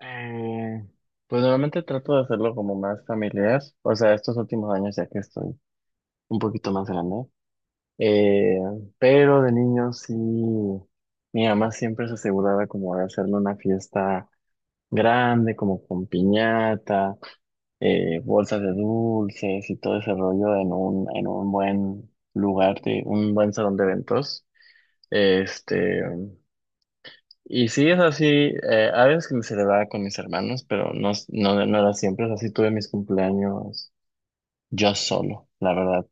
Eh, pues normalmente trato de hacerlo como más familiar, o sea, estos últimos años ya que estoy un poquito más grande, eh, pero de niño sí, mi mamá siempre se aseguraba como de hacerle una fiesta grande, como con piñata, bolsas de dulces y todo ese rollo en un buen lugar, de, un buen salón de eventos. Este, y sí, es así, a veces que me celebraba con mis hermanos, pero no, no, no era siempre, así tuve mis cumpleaños yo solo, la verdad.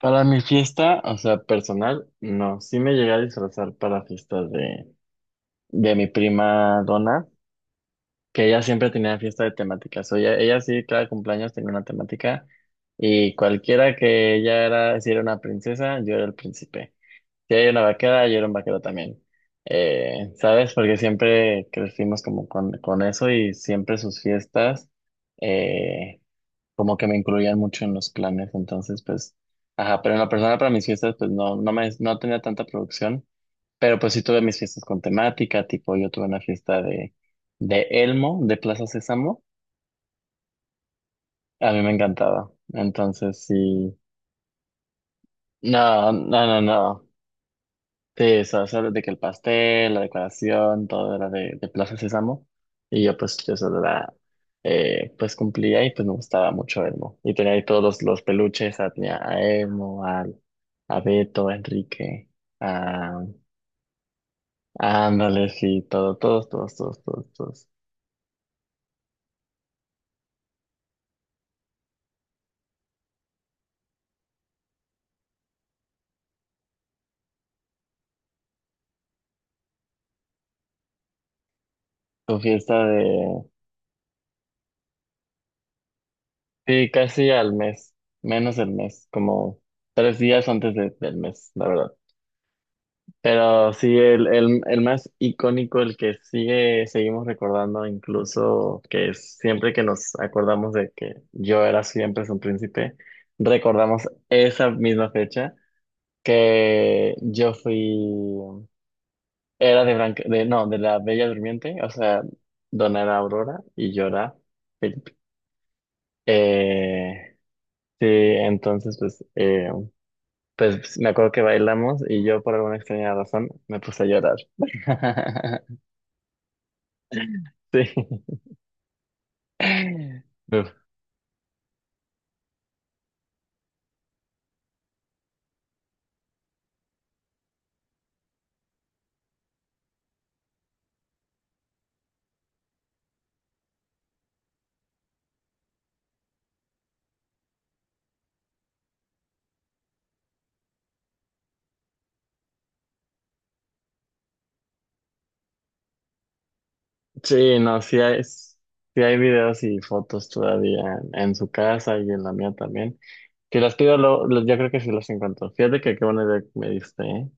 Para mi fiesta, o sea, personal, no, sí me llegué a disfrazar para fiestas de mi prima Donna, que ella siempre tenía fiesta de temáticas, o ella sí, cada cumpleaños tenía una temática, y cualquiera que ella era, si era una princesa, yo era el príncipe. Sí, hay una vaquera y era un vaquero también. ¿Sabes? Porque siempre crecimos como con eso y siempre sus fiestas eh, como que me incluían mucho en los planes. Entonces, pues, ajá, pero en la persona para mis fiestas, pues no, no tenía tanta producción, pero pues sí tuve mis fiestas con temática, tipo yo tuve una fiesta de Elmo, de Plaza Sésamo. A mí me encantaba. Entonces, sí. No, no, no, no. Sí, eso de que el pastel, la decoración, todo era de Plaza Sésamo. Y yo pues pues cumplía y pues me gustaba mucho Elmo. Y tenía ahí los peluches, ah, tenía a Elmo, al, a Beto, a Enrique, a, a Ándale, sí, todo, todos, todos, todos, todos, todos. Tu fiesta de, sí, casi al mes, menos del mes, como tres días del mes, la verdad. Pero sí, el más icónico, el que seguimos recordando, incluso que siempre que nos acordamos de que yo era siempre un príncipe, recordamos esa misma fecha que yo fui, era de Blanca, de, no, de la Bella Durmiente, o sea, Dona era Aurora y yo era Felipe. Eh, sí, entonces pues, pues me acuerdo que bailamos y yo por alguna extraña razón me puse a llorar. Sí. Uf. Sí, no, sí hay videos y fotos todavía en su casa y en la mía también. Si las pido, yo creo que sí las encuentro. Fíjate que qué buena idea que me diste, ¿eh?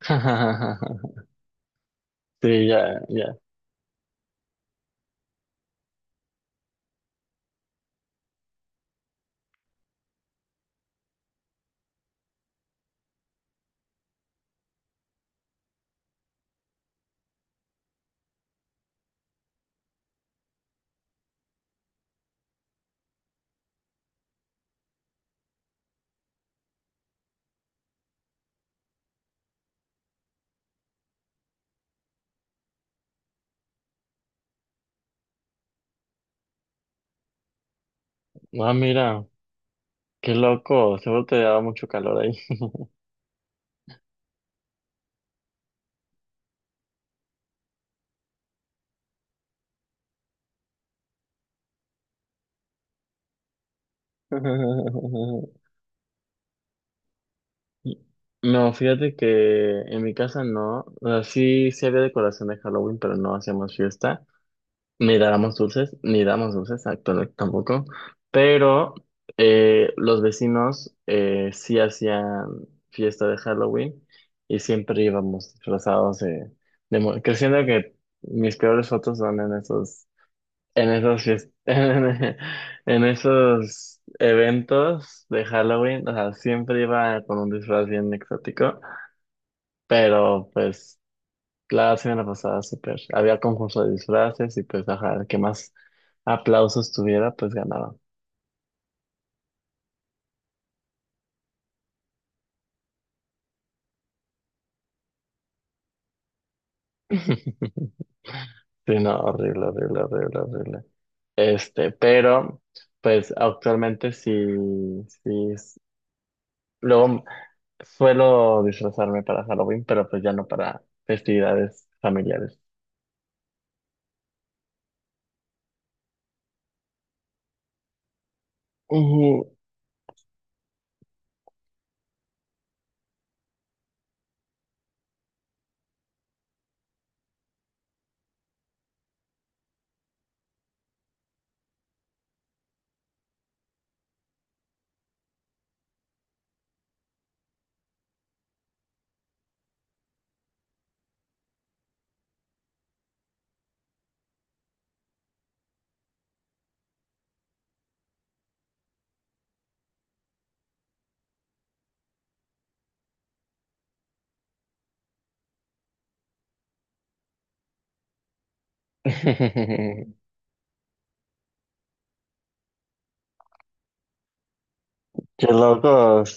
Sí, ya, ya. Ah, mira, qué loco, seguro te daba mucho calor ahí. No, fíjate que en mi casa no, o sea, sí, sí había decoración de Halloween, pero no hacíamos fiesta. Ni dábamos dulces, ni damos dulces, exacto, no, tampoco. Pero los vecinos sí hacían fiesta de Halloween y siempre íbamos disfrazados de, que siento que mis peores fotos son en esos, en esos fies- en, esos eventos de Halloween. O sea, siempre iba con un disfraz bien exótico, pero pues claro, la semana pasada, súper. Había concurso de disfraces y pues, ajá, el que más aplausos tuviera, pues ganaba. Sí, no, horrible, horrible, horrible, horrible. Este, pero, pues actualmente sí, sí. es- luego suelo disfrazarme para Halloween, pero pues ya no para festividades familiares. Ujú. Qué locos,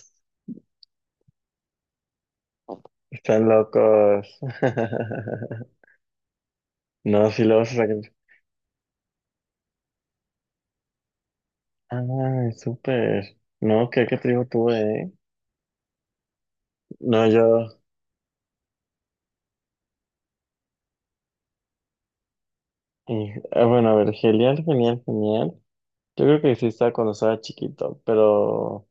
están locos. No, sí, luego se sacan. Ah, súper. No, qué, qué trigo tuve, ¿eh? No, yo. Bueno, a ver, genial, genial, genial. Yo creo que existía cuando estaba chiquito, pero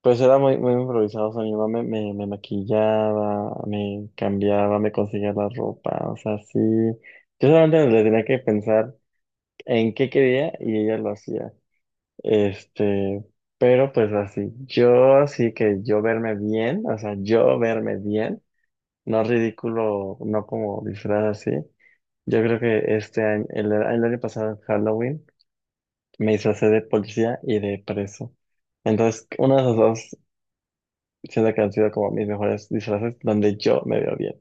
pues era muy, muy improvisado. O sea, mi mamá me maquillaba, me cambiaba, me conseguía la ropa. O sea, sí. Yo solamente le tenía que pensar en qué quería y ella lo hacía. Este, pero pues así. Yo así que yo verme bien, o sea, yo verme bien, no ridículo, no como disfraz así. Yo creo que el año pasado en Halloween, me disfracé de policía y de preso. Entonces, uno de esos dos siento que han sido como mis mejores disfraces donde yo me veo bien.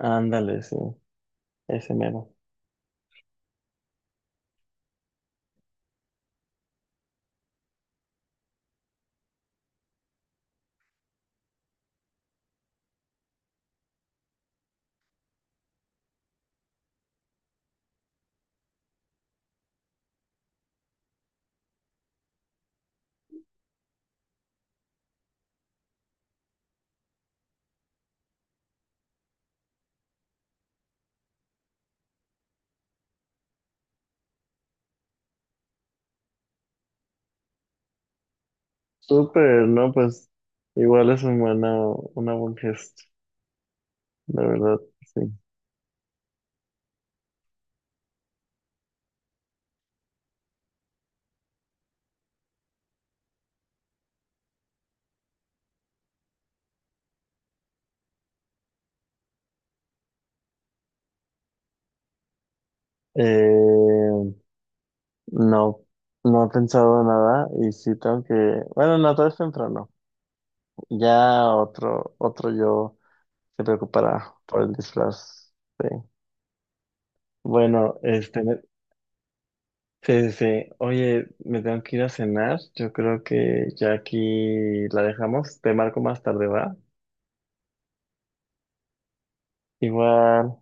Ándale, sí, ese mero. Súper, ¿no? Pues igual es una buen gesto, de verdad, sí. Eh, no, no he pensado nada y sí tengo que, bueno, no, todo es temprano. Ya otro yo se preocupará por el disfraz. Sí. Bueno, sí, sí, sí. Oye, me tengo que ir a cenar. Yo creo que ya aquí la dejamos. Te marco más tarde, ¿va? Igual.